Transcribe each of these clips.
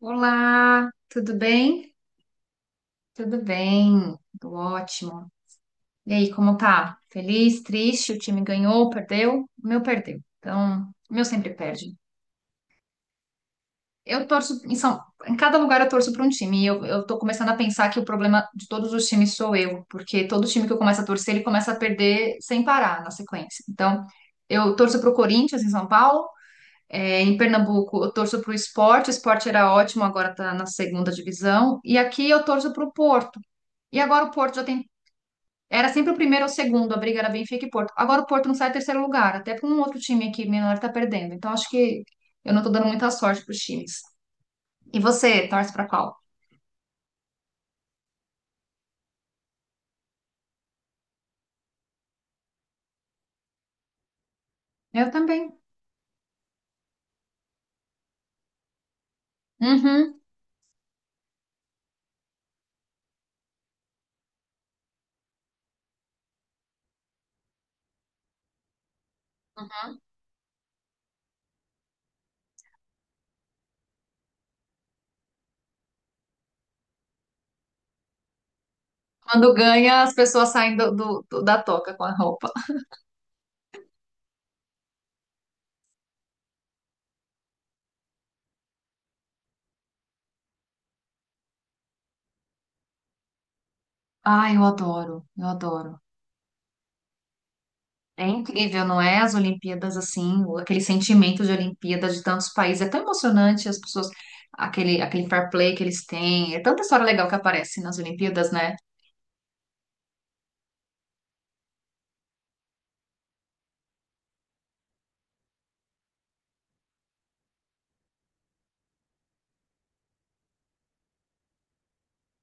Olá, tudo bem? Tudo bem, tudo ótimo. E aí, como tá? Feliz, triste? O time ganhou, perdeu? O meu perdeu. Então, o meu sempre perde. Eu torço em São, Em cada lugar eu torço para um time. E eu tô começando a pensar que o problema de todos os times sou eu, porque todo time que eu começo a torcer, ele começa a perder sem parar na sequência. Então, eu torço para o Corinthians em São Paulo. É, em Pernambuco, eu torço para o Sport era ótimo, agora está na segunda divisão. E aqui eu torço para o Porto. E agora o Porto já tem. Era sempre o primeiro ou o segundo, a briga era Benfica e Porto. Agora o Porto não sai terceiro lugar, até porque um outro time aqui menor está perdendo. Então acho que eu não estou dando muita sorte para os times. E você, torce para qual? Eu também. Uhum. Quando ganha, as pessoas saem da toca com a roupa. Ah, eu adoro, eu adoro. É incrível, não é? As Olimpíadas assim, aquele sentimento de Olimpíada de tantos países. É tão emocionante as pessoas, aquele fair play que eles têm. É tanta história legal que aparece nas Olimpíadas, né?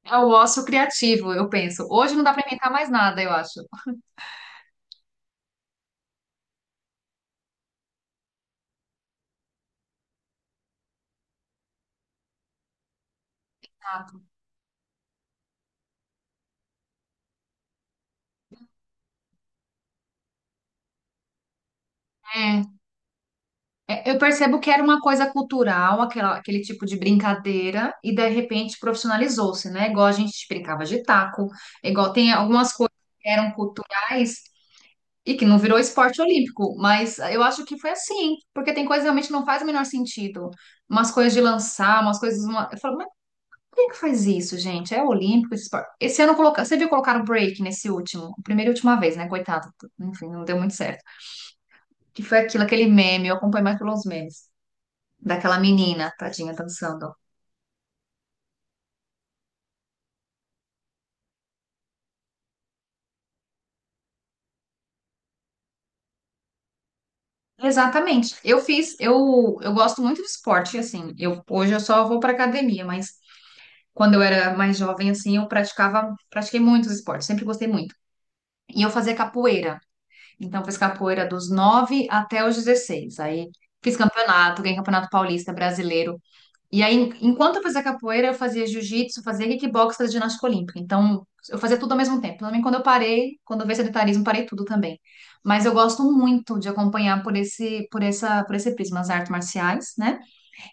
É o ócio criativo, eu penso. Hoje não dá para inventar mais nada, eu acho. É, eu percebo que era uma coisa cultural, aquele tipo de brincadeira, e de repente profissionalizou-se, né? Igual a gente brincava de taco, igual tem algumas coisas que eram culturais e que não virou esporte olímpico, mas eu acho que foi assim, porque tem coisas que realmente não faz o menor sentido. Umas coisas de lançar, umas coisas. Eu falo, quem que faz isso, gente? É olímpico, esse esporte. Você viu colocar o break nesse último, primeira e última vez, né? Coitado, enfim, não deu muito certo. Que foi aquilo, aquele meme, eu acompanho mais pelos memes, daquela menina, tadinha, dançando. Exatamente. Eu gosto muito de esporte, assim. Eu hoje eu só vou para academia, mas quando eu era mais jovem, assim, pratiquei muitos esportes, sempre gostei muito. E eu fazia capoeira. Então, fiz capoeira dos 9 até os 16. Aí fiz campeonato, ganhei campeonato paulista, brasileiro. E aí, enquanto eu fazia capoeira, eu fazia jiu-jitsu, fazia kickbox, fazia ginástica olímpica. Então, eu fazia tudo ao mesmo tempo. Também quando eu parei, quando eu veio sedentarismo, parei tudo também. Mas eu gosto muito de acompanhar por esse prisma as artes marciais, né?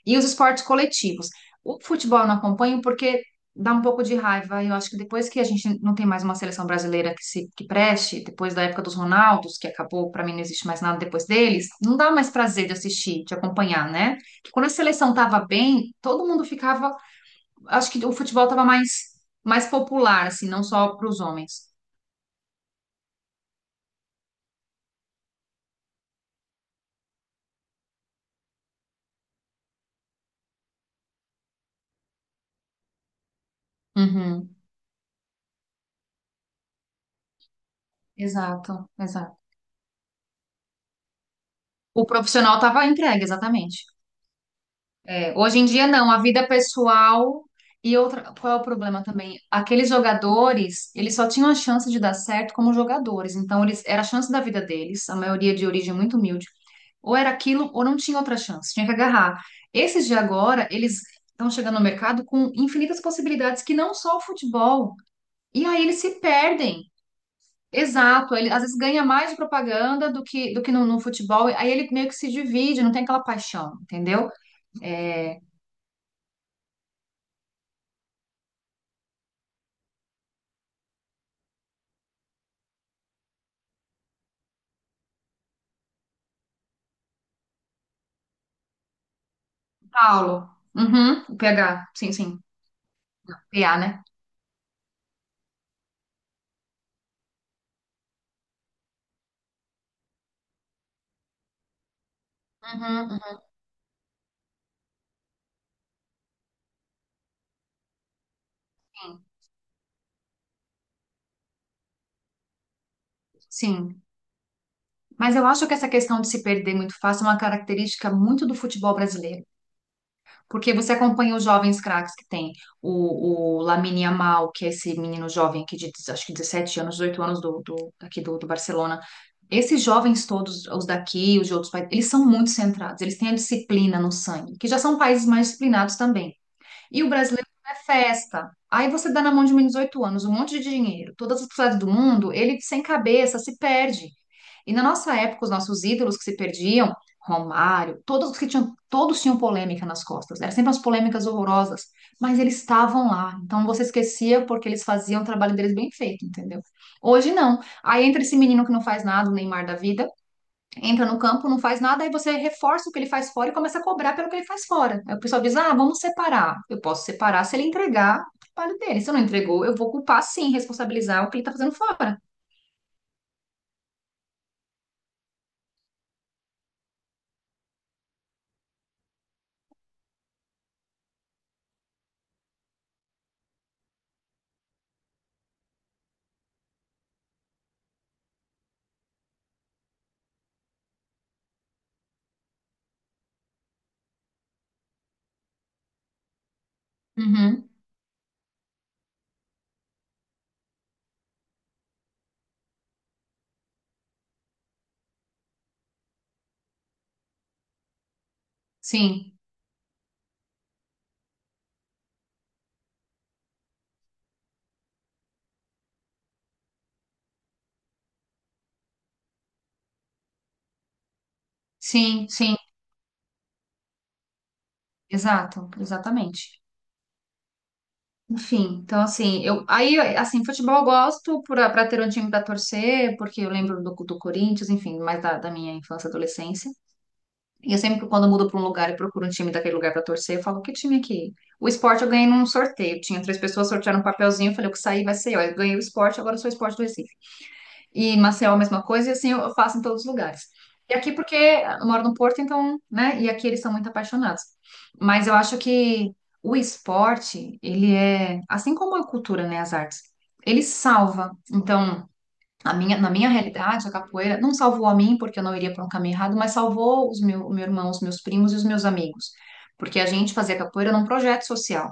E os esportes coletivos. O futebol eu não acompanho porque dá um pouco de raiva. Eu acho que depois que a gente não tem mais uma seleção brasileira que se que preste, depois da época dos Ronaldos, que acabou, para mim não existe mais nada depois deles, não dá mais prazer de assistir, de acompanhar, né? Porque quando a seleção tava bem, todo mundo ficava, acho que o futebol tava mais popular, assim, não só para os homens. Uhum. Exato, exato. O profissional tava entregue, exatamente. Hoje em dia não, a vida pessoal e outra, qual é o problema também? Aqueles jogadores, eles só tinham a chance de dar certo como jogadores, então eles era a chance da vida deles, a maioria de origem muito humilde. Ou era aquilo ou não tinha outra chance, tinha que agarrar. Esses de agora, eles estão chegando no mercado com infinitas possibilidades que não só o futebol. E aí eles se perdem. Exato, ele às vezes ganha mais de propaganda do que no futebol, aí ele meio que se divide, não tem aquela paixão, entendeu? É, Paulo. Uhum, o PH. Sim, sim. PA, né? Uhum, uhum. Sim. Mas eu acho que essa questão de se perder muito fácil é uma característica muito do futebol brasileiro. Porque você acompanha os jovens craques que tem. O Lamine Yamal, que é esse menino jovem aqui de acho que 17 anos, 18 anos do Barcelona. Esses jovens todos, os daqui, os de outros países, eles são muito centrados, eles têm a disciplina no sangue, que já são países mais disciplinados também. E o brasileiro é festa. Aí você dá na mão de um menino de 18 anos um monte de dinheiro, todas as cidades do mundo, ele sem cabeça se perde. E na nossa época, os nossos ídolos que se perdiam, Romário, todos os que tinham, todos tinham polêmica nas costas. Eram sempre umas polêmicas horrorosas, mas eles estavam lá. Então você esquecia porque eles faziam o trabalho deles bem feito, entendeu? Hoje não. Aí entra esse menino que não faz nada, o Neymar da vida, entra no campo, não faz nada, aí você reforça o que ele faz fora e começa a cobrar pelo que ele faz fora. Aí o pessoal diz: ah, vamos separar. Eu posso separar se ele entregar o trabalho dele. Se não entregou, eu vou culpar sim, responsabilizar o que ele está fazendo fora. Uhum. Sim, sim, sim, exato, exatamente. Enfim, então assim, eu aí assim, futebol eu gosto para ter um time para torcer, porque eu lembro do Corinthians, enfim, mais da minha infância, e adolescência. E eu sempre, quando eu mudo para um lugar e procuro um time daquele lugar para torcer, eu falo, que time aqui? O esporte eu ganhei num sorteio. Tinha três pessoas, sortearam um papelzinho, eu falei, o que sair vai ser eu. Eu ganhei o esporte, agora eu sou o esporte do Recife. E em Maceió a mesma coisa, e assim eu faço em todos os lugares. E aqui porque eu moro no Porto, então, né? E aqui eles são muito apaixonados. Mas eu acho que o esporte, ele é, assim como a cultura, né, as artes, ele salva. Então, na minha realidade, a capoeira não salvou a mim, porque eu não iria por um caminho errado, mas salvou o meu irmão, os meus primos e os meus amigos. Porque a gente fazia capoeira num projeto social.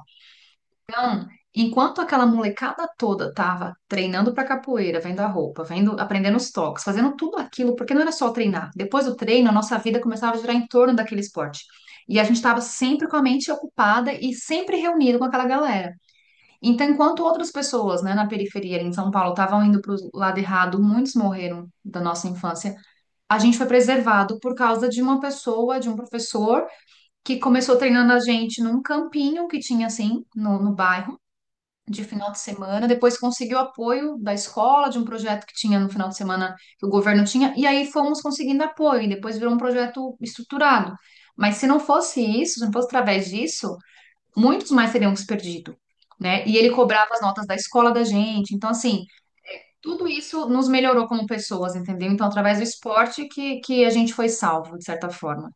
Então, enquanto aquela molecada toda tava treinando para capoeira, vendo a roupa, vendo, aprendendo os toques, fazendo tudo aquilo, porque não era só treinar. Depois do treino, a nossa vida começava a girar em torno daquele esporte. E a gente estava sempre com a mente ocupada e sempre reunido com aquela galera. Então, enquanto outras pessoas, né, na periferia, em São Paulo, estavam indo para o lado errado, muitos morreram da nossa infância. A gente foi preservado por causa de uma pessoa, de um professor, que começou treinando a gente num campinho que tinha assim no bairro, de final de semana. Depois conseguiu apoio da escola, de um projeto que tinha no final de semana que o governo tinha, e aí fomos conseguindo apoio, e depois virou um projeto estruturado. Mas se não fosse isso, se não fosse através disso muitos mais teriam se perdido, né? E ele cobrava as notas da escola da gente. Então, assim, tudo isso nos melhorou como pessoas, entendeu? Então, através do esporte que a gente foi salvo, de certa forma.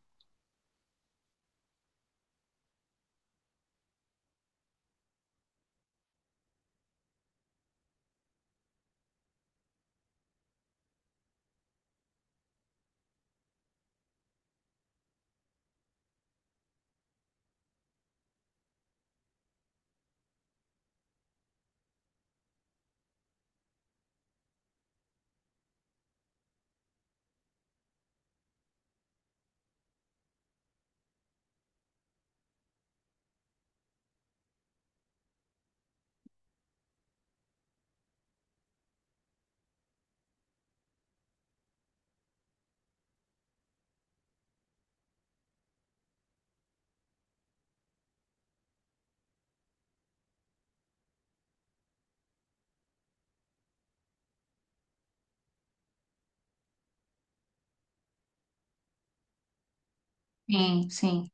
Sim, sim,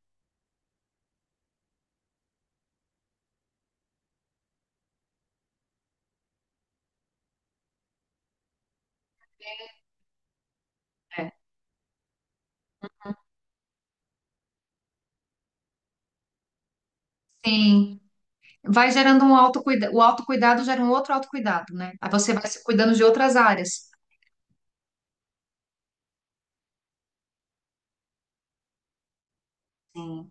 é, sim. Vai gerando um autocuidado, o autocuidado gera um outro autocuidado, né? Aí você vai se cuidando de outras áreas. Sim.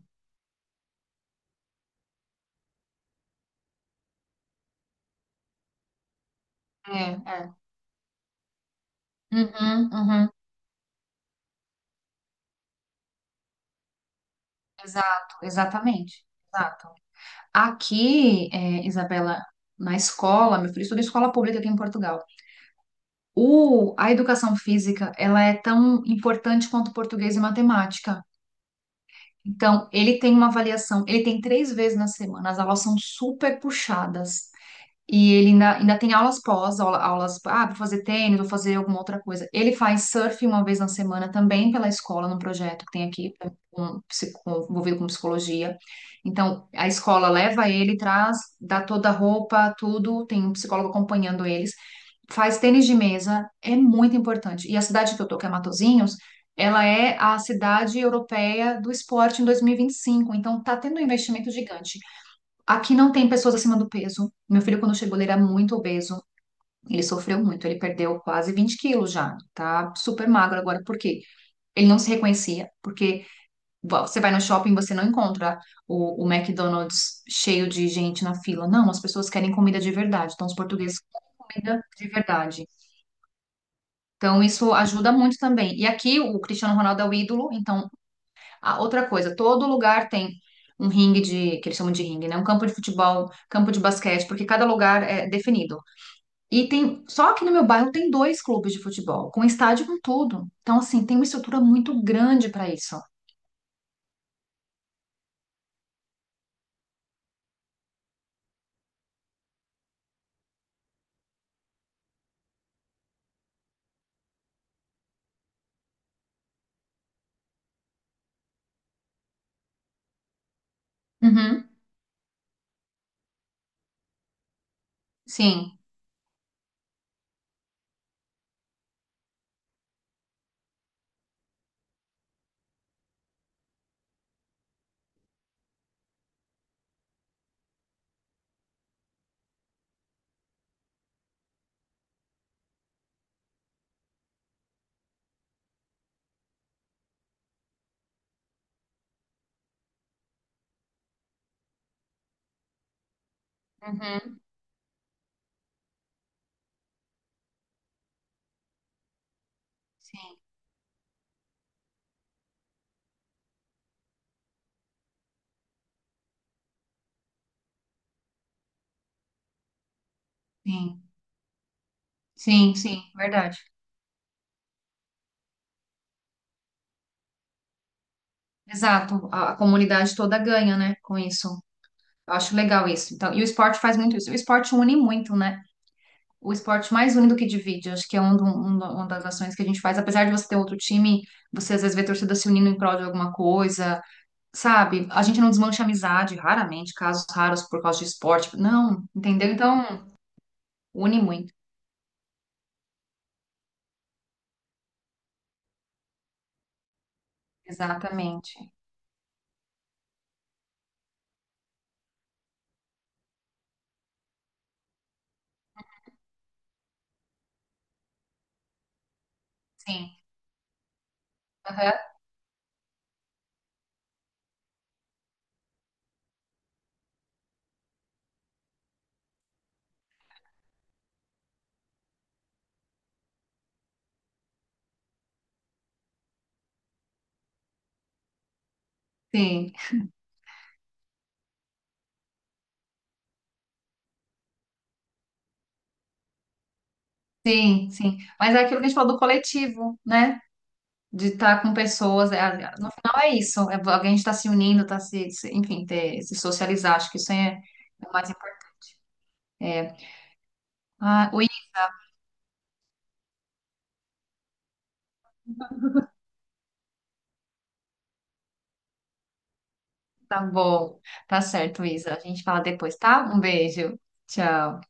É, é. Uhum, uhum. Exato, exatamente. Exato. Aqui, é, Isabela, na escola, meu filho estuda em escola pública aqui em Portugal. A educação física, ela é tão importante quanto português e matemática. Então, ele tem uma avaliação, ele tem três vezes na semana, as aulas são super puxadas. E ele ainda, ainda tem aulas, ah, vou fazer tênis, vou fazer alguma outra coisa. Ele faz surf uma vez na semana também pela escola, num projeto que tem aqui, um, envolvido com psicologia. Então, a escola leva ele, traz, dá toda a roupa, tudo, tem um psicólogo acompanhando ele faz tênis de mesa, é muito importante. E a cidade que eu tô, que é Matosinhos, ela é a cidade europeia do esporte em 2025, então tá tendo um investimento gigante. Aqui não tem pessoas acima do peso. Meu filho, quando chegou, ele era muito obeso, ele sofreu muito, ele perdeu quase 20 quilos já, tá super magro agora. Por quê? Ele não se reconhecia, porque você vai no shopping, você não encontra o McDonald's cheio de gente na fila. Não, as pessoas querem comida de verdade, então os portugueses comem comida de verdade. Então, isso ajuda muito também. E aqui o Cristiano Ronaldo é o ídolo. Então, a outra coisa, todo lugar tem um ringue de, que eles chamam de ringue, né? Um campo de futebol, campo de basquete, porque cada lugar é definido. E tem, só aqui no meu bairro tem dois clubes de futebol, com estádio com tudo. Então, assim, tem uma estrutura muito grande para isso. Uhum, sim. Uhum, sim, sim, sim, sim, verdade. Exato. A comunidade toda ganha, né, com isso. Eu acho legal isso. Então, e o esporte faz muito isso. O esporte une muito, né? O esporte mais une do que divide. Acho que é uma das ações que a gente faz. Apesar de você ter outro time, você às vezes vê torcida se unindo em prol de alguma coisa, sabe? A gente não desmancha amizade, raramente, casos raros por causa de esporte. Não, entendeu? Então, une muito. Exatamente. Sim. Aham. Sim, sim, sim. Mas é aquilo que a gente falou do coletivo, né? De estar com pessoas. É, no final é isso. É, alguém está se unindo, está enfim, ter, se socializar. Acho que isso é o mais importante. É. Ah, tá bom. Tá certo, Isa. A gente fala depois, tá? Um beijo. Tchau.